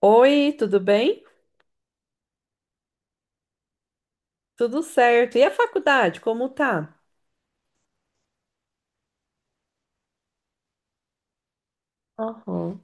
Oi, tudo bem? Tudo certo. E a faculdade, como tá? Aham.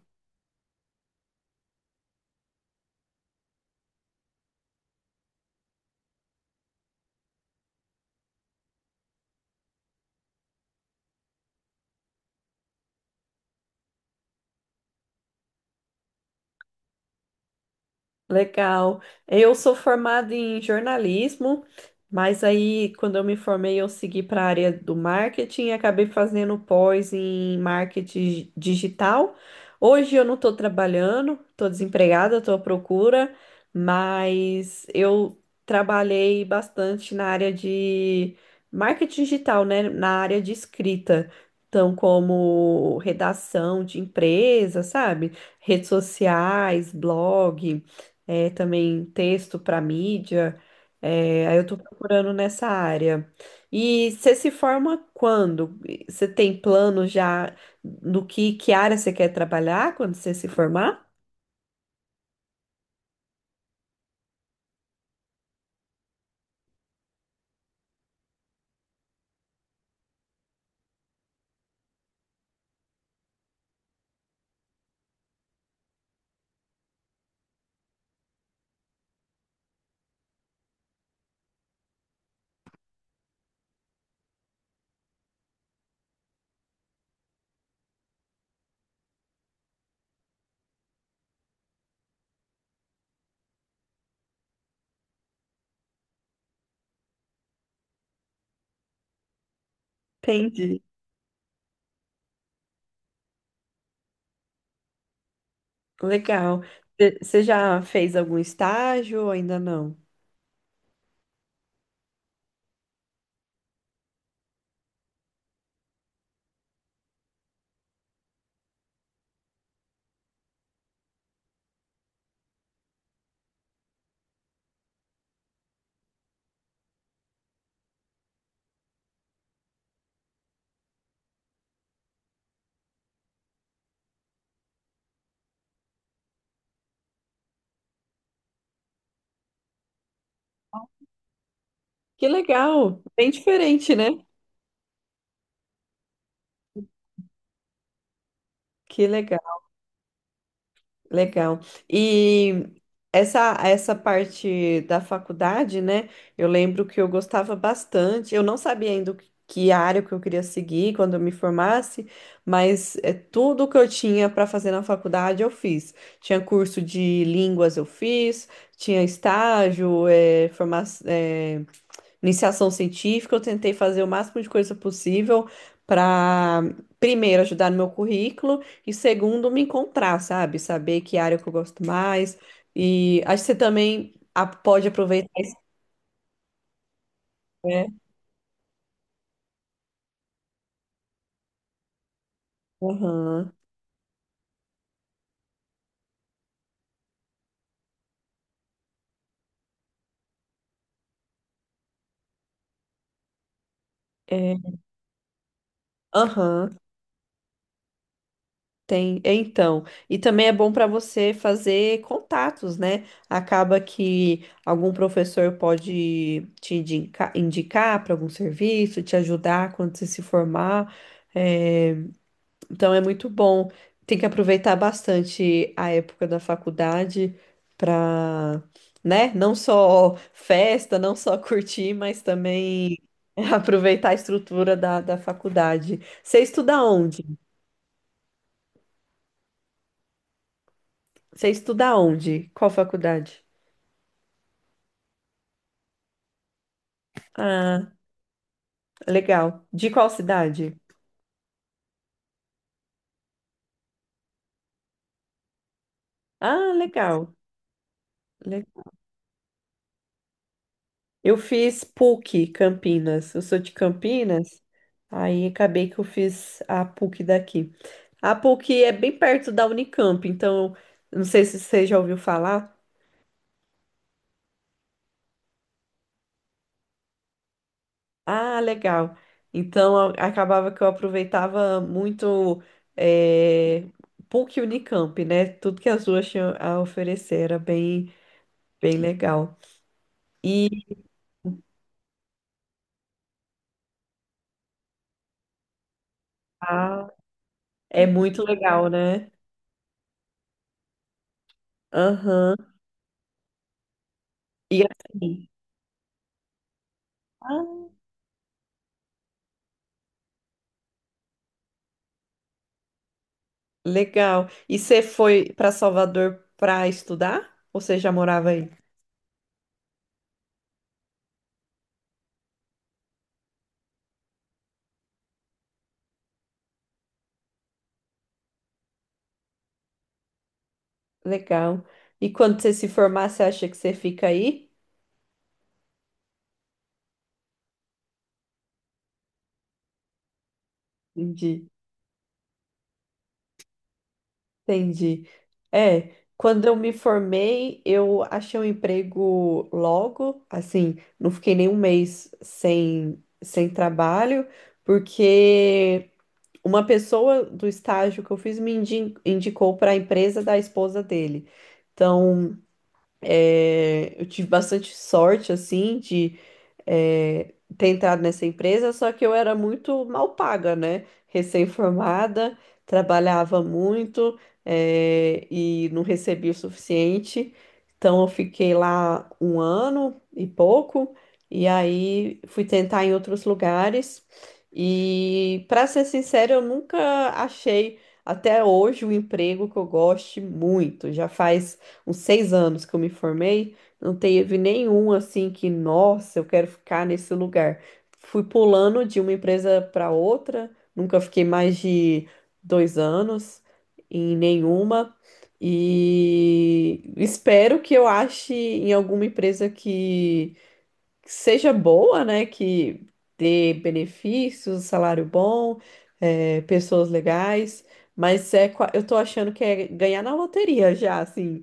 Legal. Eu sou formada em jornalismo, mas aí quando eu me formei eu segui para a área do marketing e acabei fazendo pós em marketing digital. Hoje eu não estou trabalhando, estou desempregada, estou à procura, mas eu trabalhei bastante na área de marketing digital, né? Na área de escrita. Então, como redação de empresa, sabe? Redes sociais, blog também texto para mídia. Aí eu estou procurando nessa área. E você se forma quando? Você tem plano já do que área você quer trabalhar quando você se formar? Entendi. Legal. Você já fez algum estágio ou ainda não? Que legal! Bem diferente, né? Que legal. Legal. E essa parte da faculdade, né? Eu lembro que eu gostava bastante. Eu não sabia ainda o que que área que eu queria seguir quando eu me formasse, mas tudo que eu tinha para fazer na faculdade eu fiz. Tinha curso de línguas eu fiz, tinha estágio, iniciação científica. Eu tentei fazer o máximo de coisa possível para, primeiro, ajudar no meu currículo. E segundo, me encontrar, sabe? Saber que área que eu gosto mais. E acho que você também pode aproveitar isso, né? Aham. É, aham, tem. Então, e também é bom para você fazer contatos, né? Acaba que algum professor pode indicar para algum serviço, te ajudar quando você se formar. É, Então é muito bom. Tem que aproveitar bastante a época da faculdade para, né, não só festa, não só curtir, mas também aproveitar a estrutura da faculdade. Você estuda onde? Qual faculdade? Ah, legal. De qual cidade? Ah, legal. Le- Eu fiz PUC Campinas. Eu sou de Campinas, aí acabei que eu fiz a PUC daqui. A PUC é bem perto da Unicamp, então não sei se você já ouviu falar. Ah, legal. Então acabava que eu aproveitava muito eh, PUC e Unicamp, né? Tudo que as duas tinham a oferecer era bem, bem legal. E ah, é muito legal, né? Aham. E ah, legal. E você foi para Salvador para estudar? Ou você já morava aí? Legal. E quando você se formar, você acha que você fica aí? Entendi. Entendi. É, quando eu me formei, eu achei um emprego logo, assim, não fiquei nem um mês sem trabalho, porque uma pessoa do estágio que eu fiz indicou para a empresa da esposa dele. Então, eu tive bastante sorte, assim, ter entrado nessa empresa, só que eu era muito mal paga, né? Recém-formada, trabalhava muito, e não recebia o suficiente. Então, eu fiquei lá um ano e pouco, e aí fui tentar em outros lugares. E, para ser sincera, eu nunca achei. Até hoje, um emprego que eu goste muito. Já faz uns seis anos que eu me formei, não teve nenhum assim que, nossa, eu quero ficar nesse lugar. Fui pulando de uma empresa para outra, nunca fiquei mais de dois anos em nenhuma. E espero que eu ache em alguma empresa que seja boa, né? Que dê benefícios, salário bom, pessoas legais. Mas eu tô achando que é ganhar na loteria já, assim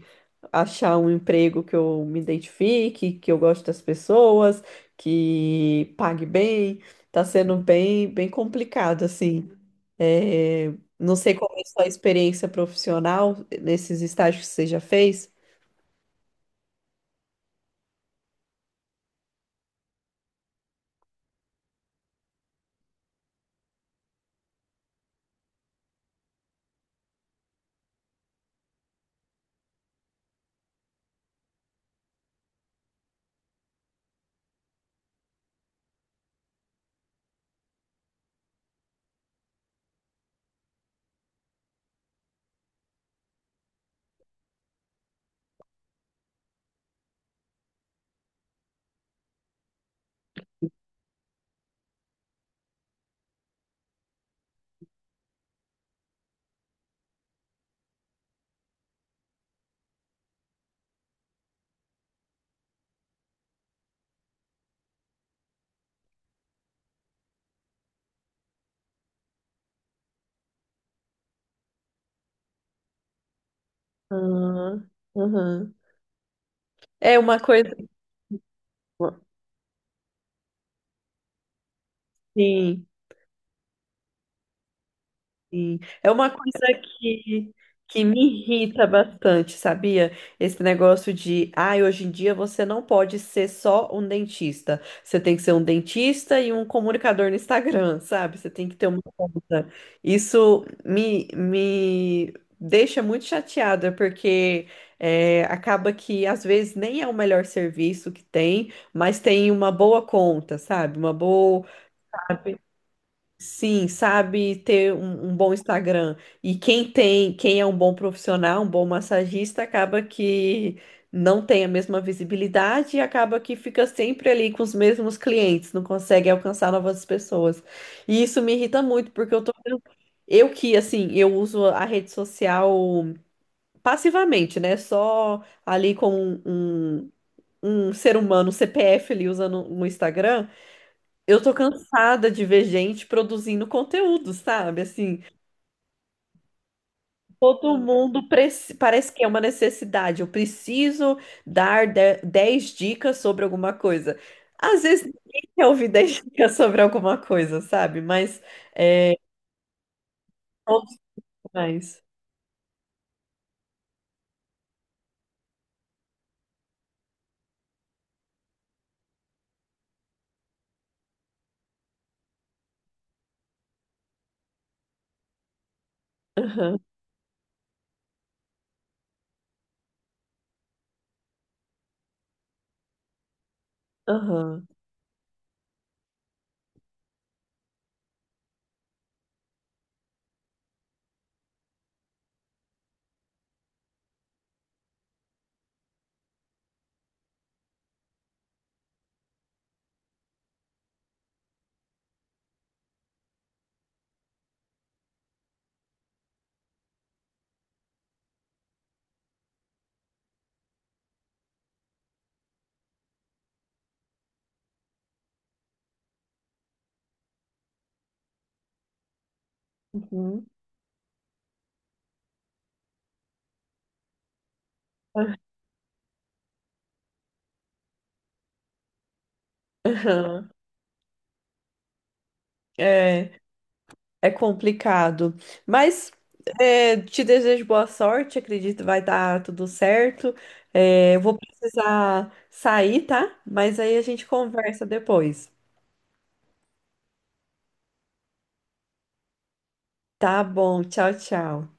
achar um emprego que eu me identifique, que eu goste das pessoas, que pague bem. Tá sendo bem, bem complicado, assim. É, não sei como é a sua experiência profissional nesses estágios que você já fez. Ah, aham. É uma coisa. Sim. Sim. É uma coisa que, que me irrita bastante, sabia? Esse negócio de, ai, hoje em dia você não pode ser só um dentista. Você tem que ser um dentista e um comunicador no Instagram, sabe? Você tem que ter uma conta. Me deixa muito chateada, porque acaba que às vezes nem é o melhor serviço que tem, mas tem uma boa conta, sabe? Uma boa. Sim, sabe ter um bom Instagram. E quem tem, quem é um bom profissional, um bom massagista, acaba que não tem a mesma visibilidade e acaba que fica sempre ali com os mesmos clientes, não consegue alcançar novas pessoas. E isso me irrita muito, porque eu eu que, assim, eu uso a rede social passivamente, né? Só ali como um ser humano, CPF ali usando o Instagram. Eu tô cansada de ver gente produzindo conteúdo, sabe? Assim, parece que é uma necessidade. Eu preciso dar 10 dicas sobre alguma coisa. Às vezes ninguém quer ouvir 10 dicas sobre alguma coisa, sabe? Mas é, todos mais. Aham, aham, uhum, aham. É. É complicado, mas te desejo boa sorte, acredito que vai dar tudo certo. É, eu vou precisar sair, tá? Mas aí a gente conversa depois. Tá bom, tchau, tchau.